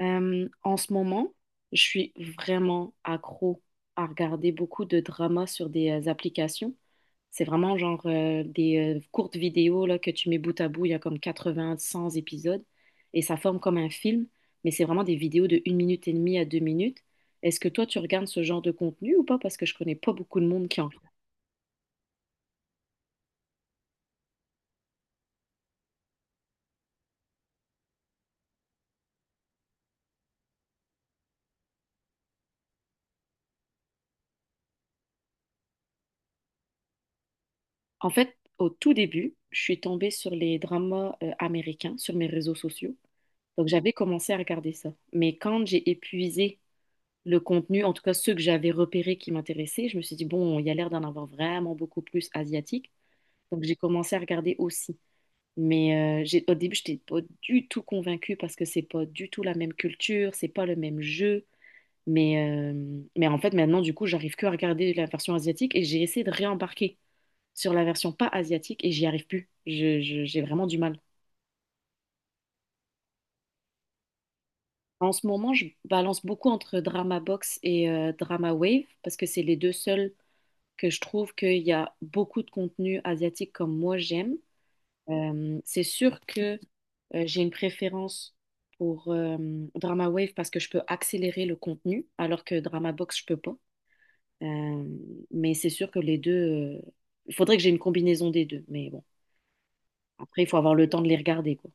En ce moment, je suis vraiment accro à regarder beaucoup de dramas sur des applications. C'est vraiment genre des courtes vidéos là, que tu mets bout à bout, il y a comme 80, 100 épisodes, et ça forme comme un film, mais c'est vraiment des vidéos de 1 minute et demie à 2 minutes. Est-ce que toi, tu regardes ce genre de contenu ou pas? Parce que je connais pas beaucoup de monde qui en regarde. En fait, au tout début, je suis tombée sur les dramas américains sur mes réseaux sociaux. Donc j'avais commencé à regarder ça. Mais quand j'ai épuisé le contenu, en tout cas ceux que j'avais repérés qui m'intéressaient. Je me suis dit, bon, il y a l'air d'en avoir vraiment beaucoup plus asiatique. Donc j'ai commencé à regarder aussi. Mais j'ai, au début, je n'étais pas du tout convaincue parce que c'est pas du tout la même culture, c'est pas le même jeu. Mais, mais en fait, maintenant, du coup, j'arrive que à regarder la version asiatique et j'ai essayé de réembarquer sur la version pas asiatique et j'y arrive plus. J'ai vraiment du mal. En ce moment, je balance beaucoup entre Drama Box et Drama Wave parce que c'est les deux seuls que je trouve qu'il y a beaucoup de contenu asiatique comme moi j'aime. C'est sûr que j'ai une préférence pour Drama Wave parce que je peux accélérer le contenu, alors que Drama Box, je peux pas. Euh, mais c'est sûr que les deux, il faudrait que j'ai une combinaison des deux. Mais bon, après, il faut avoir le temps de les regarder, quoi.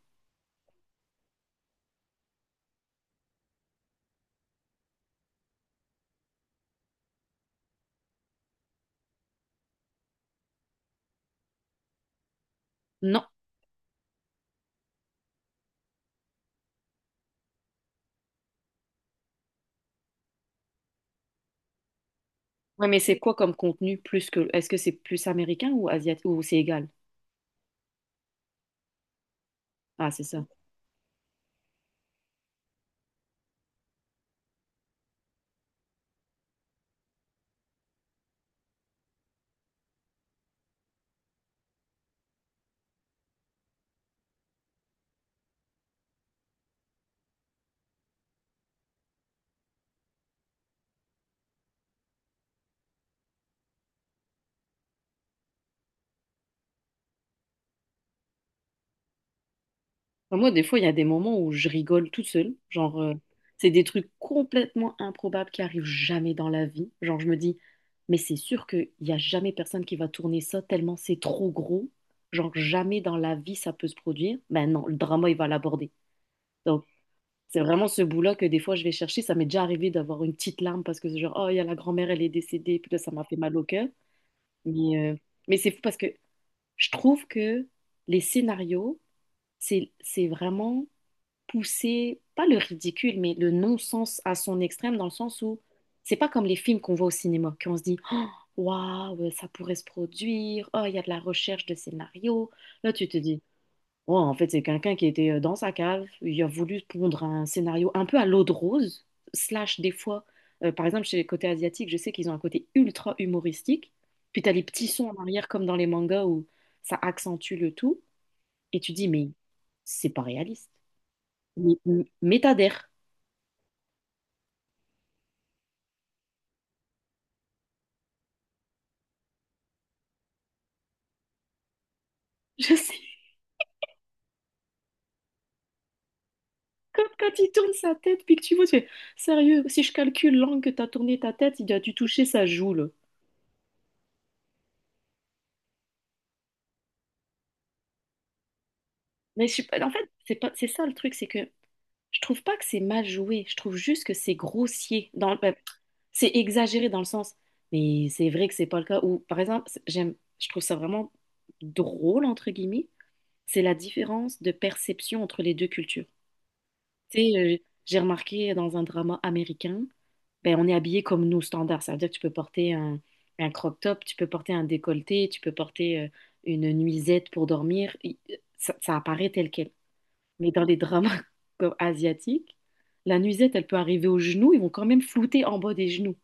Non. Ouais, mais c'est quoi comme contenu plus que... Est-ce que c'est plus américain ou asiatique ou c'est égal? Ah, c'est ça. Enfin, moi, des fois, il y a des moments où je rigole toute seule. Genre, c'est des trucs complètement improbables qui arrivent jamais dans la vie. Genre, je me dis, mais c'est sûr qu'il n'y a jamais personne qui va tourner ça tellement c'est trop gros. Genre, jamais dans la vie ça peut se produire. Ben non, le drama, il va l'aborder. Donc, c'est vraiment ce bout-là que des fois, je vais chercher. Ça m'est déjà arrivé d'avoir une petite larme parce que c'est genre, oh, il y a la grand-mère, elle est décédée. Puis là, ça m'a fait mal au cœur. Mais, euh, mais c'est fou parce que je trouve que les scénarios, c'est vraiment pousser, pas le ridicule, mais le non-sens à son extrême, dans le sens où c'est pas comme les films qu'on voit au cinéma, qu'on se dit waouh, ça pourrait se produire, oh, il y a de la recherche de scénario. Là, tu te dis, oh, en fait, c'est quelqu'un qui était dans sa cave, il a voulu pondre un scénario un peu à l'eau de rose, slash des fois, par exemple, chez les côtés asiatiques, je sais qu'ils ont un côté ultra humoristique, puis t'as les petits sons en arrière, comme dans les mangas où ça accentue le tout, et tu dis, mais c'est pas réaliste. Mais, mais t'adhères. Je sais, quand il tourne sa tête, puis que tu vois, tu fais, sérieux, si je calcule l'angle que tu as tourné ta tête, il a dû toucher sa joue, là. Mais je suis pas- En fait, c'est pas, c'est ça le truc, c'est que je trouve pas que c'est mal joué, je trouve juste que c'est grossier. C'est exagéré dans le sens, mais c'est vrai que c'est pas le cas. Ou par exemple, j'aime, je trouve ça vraiment drôle, entre guillemets, c'est la différence de perception entre les deux cultures. Tu sais, j'ai remarqué dans un drama américain, ben, on est habillé comme nous, standard. Ça veut dire que tu peux porter un crop top, tu peux porter un décolleté, tu peux porter une nuisette pour dormir. Ça, ça apparaît tel quel. Mais dans les dramas comme asiatiques, la nuisette, elle peut arriver aux genoux, ils vont quand même flouter en bas des genoux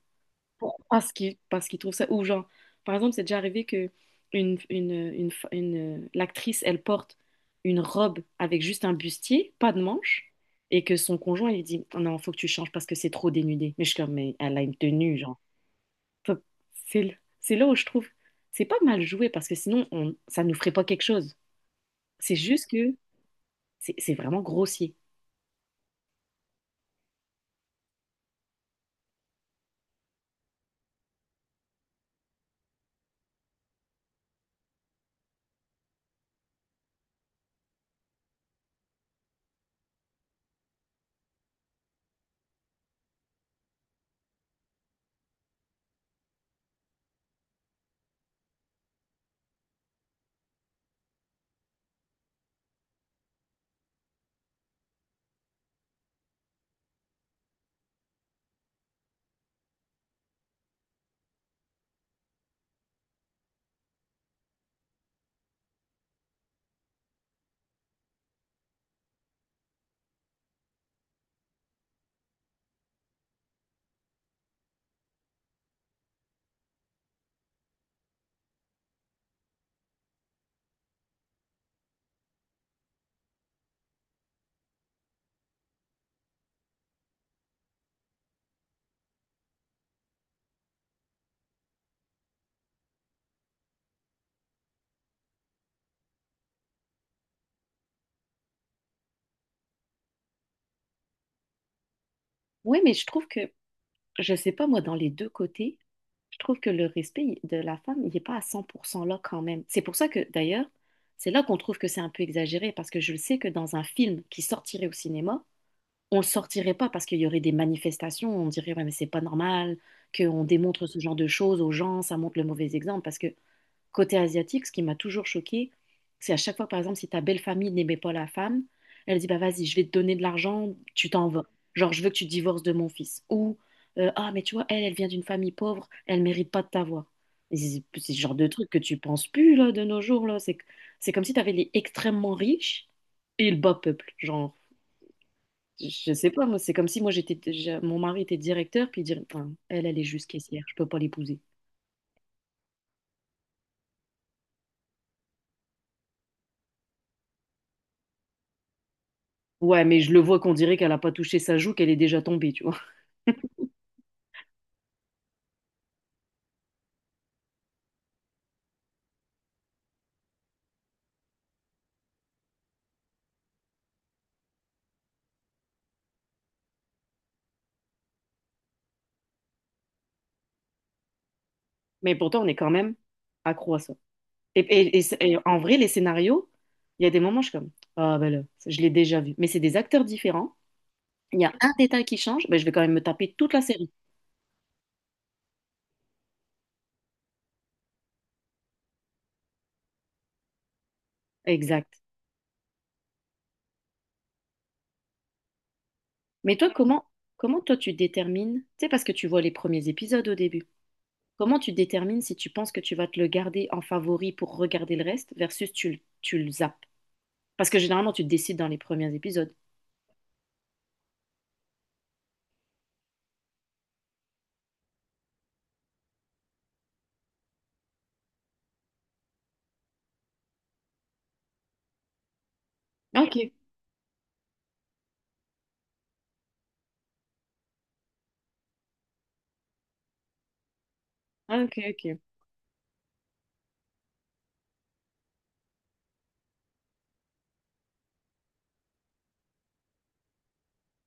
parce qu'ils trouvent ça ou genre, par exemple, c'est déjà arrivé que une l'actrice elle porte une robe avec juste un bustier pas de manches et que son conjoint il dit, oh non, faut que tu changes parce que c'est trop dénudé, mais je suis comme, mais elle a une tenue genre. Faut- c'est là où je trouve c'est pas mal joué parce que sinon on ça nous ferait pas quelque chose, c'est juste que c'est vraiment grossier. Ouais, mais je trouve que, je sais pas moi, dans les deux côtés, je trouve que le respect de la femme, il n'est pas à 100% là quand même. C'est pour ça que, d'ailleurs, c'est là qu'on trouve que c'est un peu exagéré, parce que je le sais que dans un film qui sortirait au cinéma, on le sortirait pas parce qu'il y aurait des manifestations, on dirait, ouais, mais c'est pas normal qu'on démontre ce genre de choses aux gens, ça montre le mauvais exemple. Parce que côté asiatique, ce qui m'a toujours choquée, c'est à chaque fois, par exemple, si ta belle famille n'aimait pas la femme, elle dit, bah vas-y, je vais te donner de l'argent, tu t'en vas. Genre, je veux que tu divorces de mon fils. Ou, ah, mais tu vois, elle, elle vient d'une famille pauvre, elle mérite pas de t'avoir. Et c'est ce genre de truc que tu penses plus, là, de nos jours, là. C'est comme si tu avais les extrêmement riches et le bas peuple. Genre, je sais pas, moi, c'est comme si moi, mon mari était directeur, puis dire, enfin, elle, elle est juste caissière, je peux pas l'épouser. Ouais, mais je le vois qu'on dirait qu'elle a pas touché sa joue, qu'elle est déjà tombée, tu vois. Mais pourtant, on est quand même accro à ça. C'est- et En vrai, les scénarios, il y a des moments, je suis comme, ah ben là, je l'ai déjà vu. Mais c'est des acteurs différents. Il y a un détail qui change, ben, je vais quand même me taper toute la série. Exact. Mais toi, comment, Comment toi, tu détermines, tu sais, parce que tu vois les premiers épisodes au début, comment tu détermines si tu penses que tu vas te le garder en favori pour regarder le reste versus tu le zappes? Parce que généralement, tu te décides dans les premiers épisodes. Ok. Ah, ok, ok.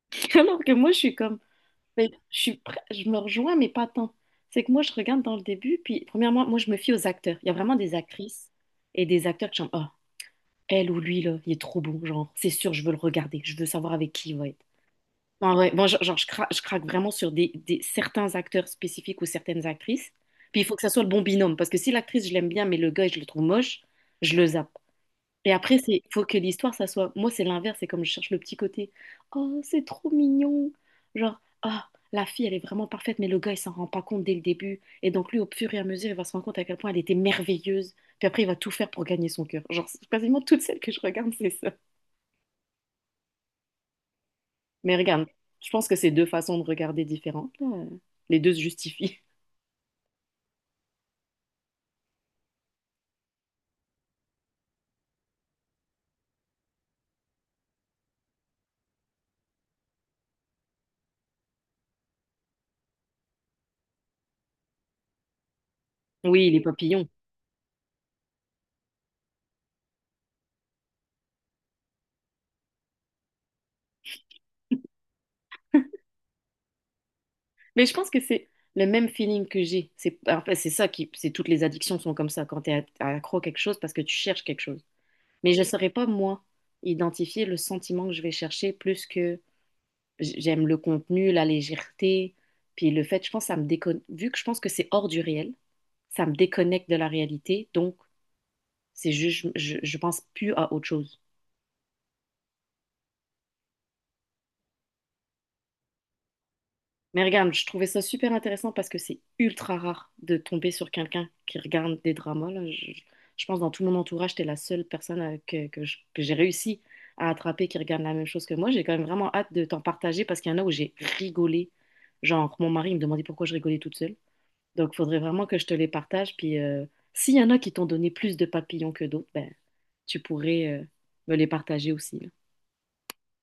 Alors que moi, je suis comme... Mais je me rejoins, mais pas tant. C'est que moi, je regarde dans le début, puis premièrement, moi, je me fie aux acteurs. Il y a vraiment des actrices et des acteurs que j'aime. Oh, elle ou lui, là, il est trop bon, genre. C'est sûr, je veux le regarder. Je veux savoir avec qui il va être. En vrai, moi, genre, je craque vraiment sur certains acteurs spécifiques ou certaines actrices. Puis il faut que ça soit le bon binôme, parce que si l'actrice, je l'aime bien, mais le gars, je le trouve moche, je le zappe. Et après, c'est faut que l'histoire, ça soit. Moi, c'est l'inverse, c'est comme je cherche le petit côté. Oh, c'est trop mignon. Genre, ah, la fille, elle est vraiment parfaite, mais le gars, il s'en rend pas compte dès le début. Et donc, lui, au fur et à mesure, il va se rendre compte à quel point elle était merveilleuse. Puis après, il va tout faire pour gagner son cœur. Genre, c'est quasiment toutes celles que je regarde, c'est ça. Mais regarde, je pense que c'est deux façons de regarder différentes, là. Les deux se justifient. Oui, les papillons. Mais je pense que c'est le même feeling que j'ai. C'est, en fait, c'est ça qui, c'est toutes les addictions sont comme ça quand tu es accro à quelque chose parce que tu cherches quelque chose. Mais je ne saurais pas, moi, identifier le sentiment que je vais chercher plus que j'aime le contenu, la légèreté, puis le fait, je pense. Vu que je pense que c'est hors du réel, ça me déconnecte de la réalité, donc c'est juste, je pense plus à autre chose. Mais regarde, je trouvais ça super intéressant parce que c'est ultra rare de tomber sur quelqu'un qui regarde des dramas, là. Je pense dans tout mon entourage, t'es la seule personne que j'ai réussi à attraper qui regarde la même chose que moi. J'ai quand même vraiment hâte de t'en partager parce qu'il y en a où j'ai rigolé. Genre, mon mari il me demandait pourquoi je rigolais toute seule. Donc, faudrait vraiment que je te les partage. Puis, s'il y en a qui t'ont donné plus de papillons que d'autres, ben, tu pourrais, me les partager aussi.